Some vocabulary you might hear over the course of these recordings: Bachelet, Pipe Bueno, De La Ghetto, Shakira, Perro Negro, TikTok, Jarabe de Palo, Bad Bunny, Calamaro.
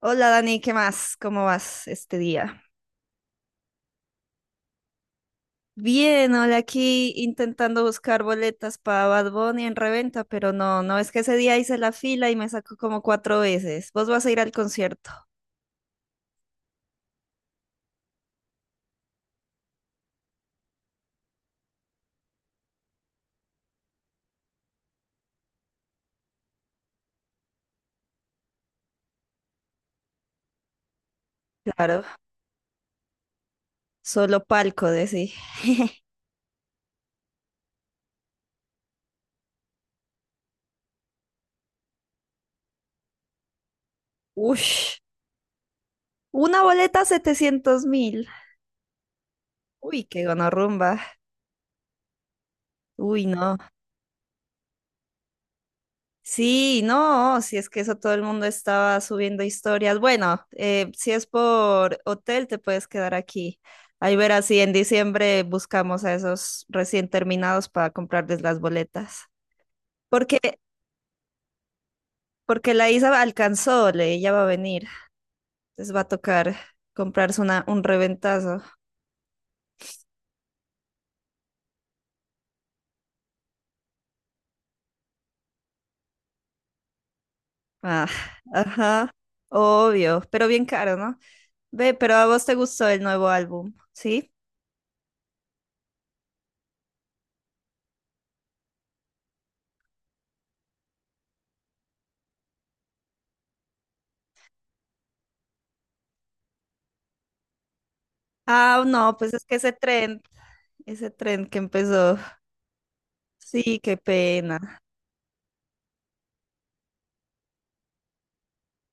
Hola Dani, ¿qué más? ¿Cómo vas este día? Bien, hola aquí intentando buscar boletas para Bad Bunny en reventa, pero no, no es que ese día hice la fila y me sacó como cuatro veces. ¿Vos vas a ir al concierto? Claro, solo palco, decí. Uy, una boleta 700.000. Uy, qué gonorrumba. Uy, no. Sí, no, si es que eso todo el mundo estaba subiendo historias. Bueno, si es por hotel, te puedes quedar aquí. Ahí verás si en diciembre buscamos a esos recién terminados para comprarles las boletas. Porque, porque la Isa alcanzó, ella va a venir. Les va a tocar comprarse una, un reventazo. Ah, ajá, obvio, pero bien caro, ¿no? Ve, pero a vos te gustó el nuevo álbum, ¿sí? Ah, no, pues es que ese tren que empezó. Sí, qué pena,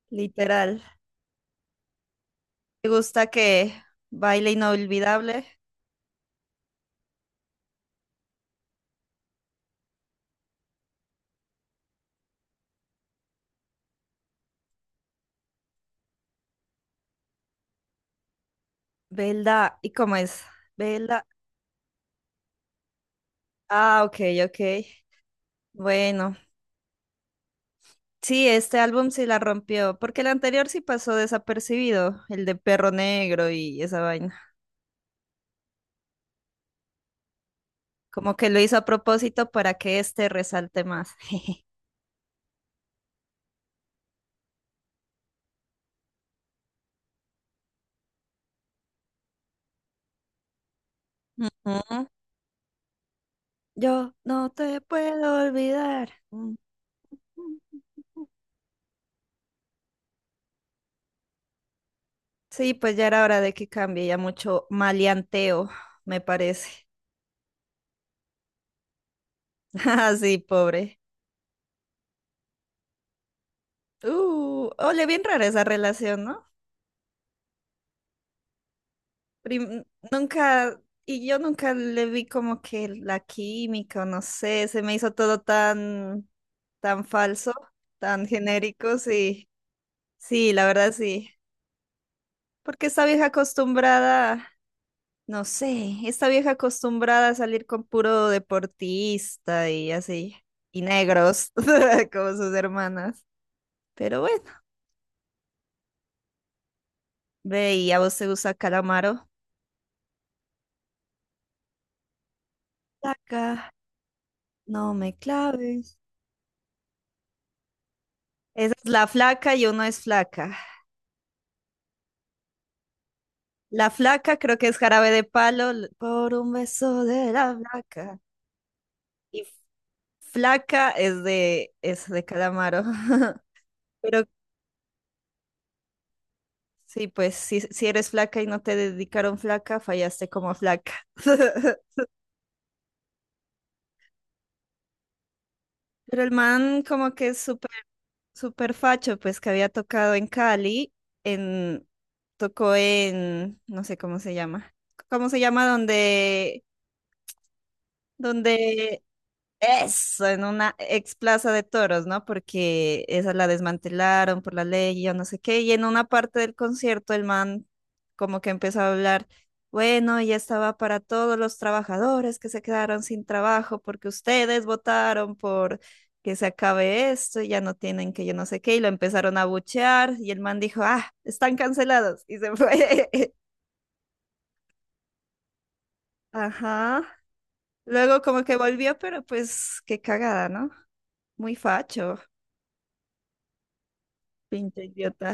literal. ¿Te gusta que baile inolvidable? Belda, ¿y cómo es? Belda. Ah, ok, ok. Bueno, sí, este álbum sí la rompió, porque el anterior sí pasó desapercibido, el de Perro Negro y esa vaina. Como que lo hizo a propósito para que este resalte más. Ujú. Yo no te puedo olvidar. Mm, mm. Sí, pues ya era hora de que cambie ya mucho maleanteo, me parece. Ah, sí, pobre. Ole, bien rara esa relación, ¿no? Prim- Nunca, y yo nunca le vi como que la química, o no sé, se me hizo todo tan, falso, tan genérico, sí. Sí, la verdad sí. Porque esta vieja acostumbrada. No sé, esta vieja acostumbrada a salir con puro deportista y así, y negros, como sus hermanas. Pero bueno, ve y a vos te gusta Calamaro. Flaca, no me claves. Esa es la flaca, yo no es flaca. La flaca creo que es jarabe de palo por un beso de la flaca. Y flaca es de Calamaro. Pero sí, pues si eres flaca y no te dedicaron flaca, fallaste como flaca. Pero el man como que es súper, súper facho, pues que había tocado en Cali, en, tocó en, no sé cómo se llama, ¿cómo se llama? Donde eso, en una ex plaza de toros, ¿no? Porque esa la desmantelaron por la ley y yo no sé qué. Y en una parte del concierto el man como que empezó a hablar, bueno, ya estaba para todos los trabajadores que se quedaron sin trabajo porque ustedes votaron por que se acabe esto y ya no tienen que yo no sé qué. Y lo empezaron a buchear y el man dijo, ah, están cancelados. Y se fue. Ajá. Luego como que volvió, pero pues qué cagada, ¿no? Muy facho. Pinto idiota.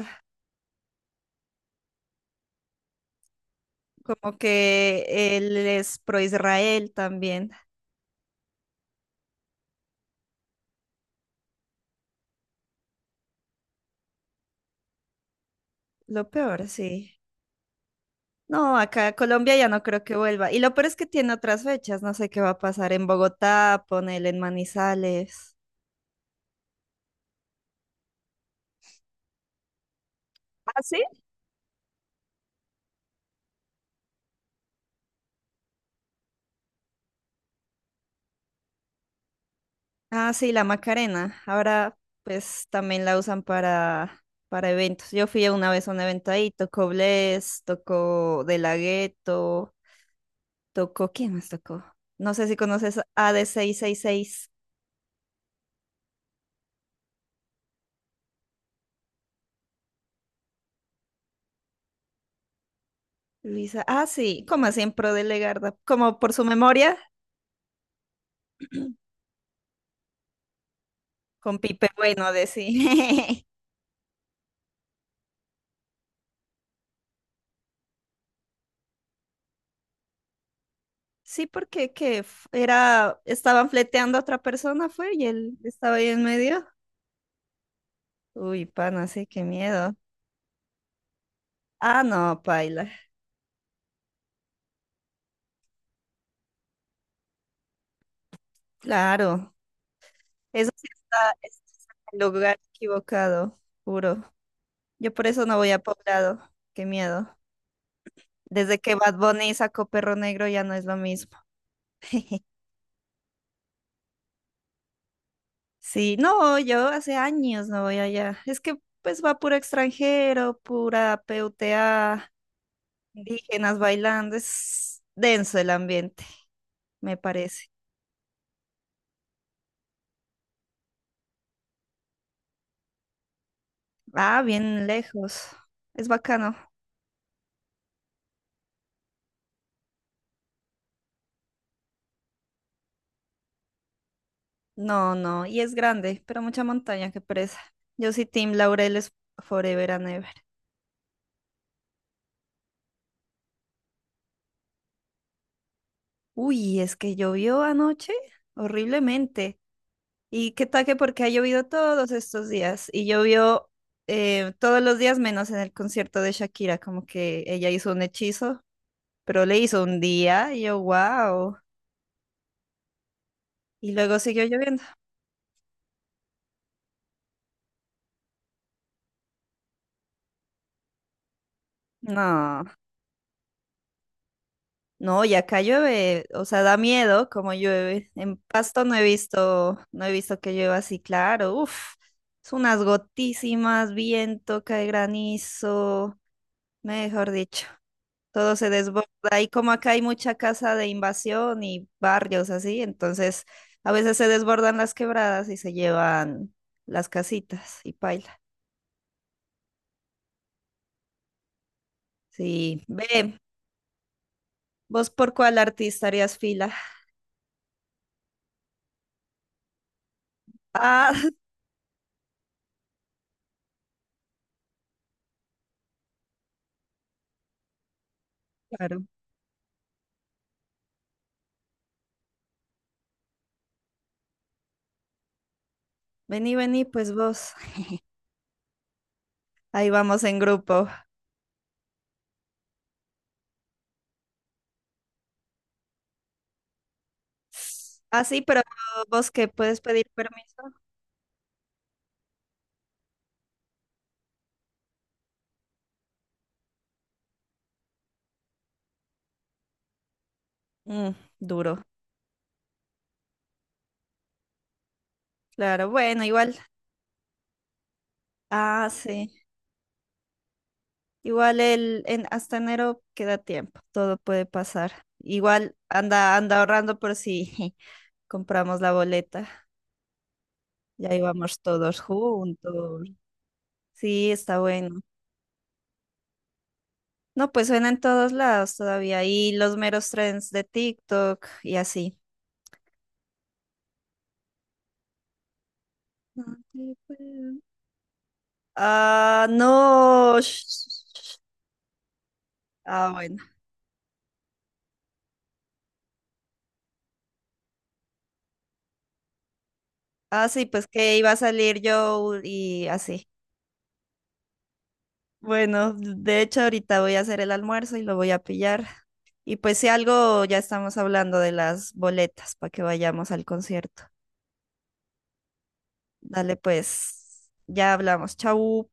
Como que él es pro Israel también. Lo peor, sí. No, acá a Colombia ya no creo que vuelva. Y lo peor es que tiene otras fechas. No sé qué va a pasar en Bogotá, ponele en Manizales. ¿Ah, sí? Ah, sí, la Macarena. Ahora pues también la usan para eventos. Yo fui una vez a un evento ahí, tocó Bless, tocó De La Ghetto, tocó, ¿quién más tocó? No sé si conoces A ad seis. Luisa, ah, sí, como siempre de Legarda, como por su memoria, con Pipe Bueno de sí. Sí, porque era, estaban fleteando a otra persona, fue, y él estaba ahí en medio. Uy, pana, sí, qué miedo. Ah, no, paila. Claro, eso sí está, está en el lugar equivocado, juro. Yo por eso no voy a poblado, qué miedo. Desde que Bad Bunny sacó Perro Negro ya no es lo mismo. Sí, no, yo hace años no voy allá. Es que pues va puro extranjero, pura puta, indígenas bailando. Es denso el ambiente, me parece. Ah, bien lejos. Es bacano. No, no, y es grande, pero mucha montaña, qué pereza. Yo sí, Team Laureles forever and ever. Uy, es que llovió anoche horriblemente. Y qué tal que porque ha llovido todos estos días y llovió todos los días menos en el concierto de Shakira, como que ella hizo un hechizo, pero le hizo un día y yo, wow, y luego siguió lloviendo. No, no, y acá llueve, o sea, da miedo como llueve. En Pasto no he visto que llueva así, claro, uff, es unas gotísimas, viento, cae granizo, mejor dicho. Todo se desborda. Y como acá hay mucha casa de invasión y barrios así, entonces a veces se desbordan las quebradas y se llevan las casitas y paila. Sí, ve, vos por cuál artista harías fila. Ah, claro. Vení, vení, pues vos. Ahí vamos en grupo. Ah, sí, pero vos que puedes pedir permiso. Mm, duro. Claro, bueno, igual. Ah, sí. Igual el, en, hasta enero queda tiempo, todo puede pasar. Igual anda, anda ahorrando por si compramos la boleta, ya íbamos todos juntos. Sí, está bueno. No, pues suena en todos lados todavía, y los meros trends de TikTok y así. No te puedo- Ah, no. Ah, bueno. Ah, sí, pues que iba a salir yo y así. Bueno, de hecho ahorita voy a hacer el almuerzo y lo voy a pillar. Y pues si algo ya estamos hablando de las boletas para que vayamos al concierto. Dale pues, ya hablamos. Chau.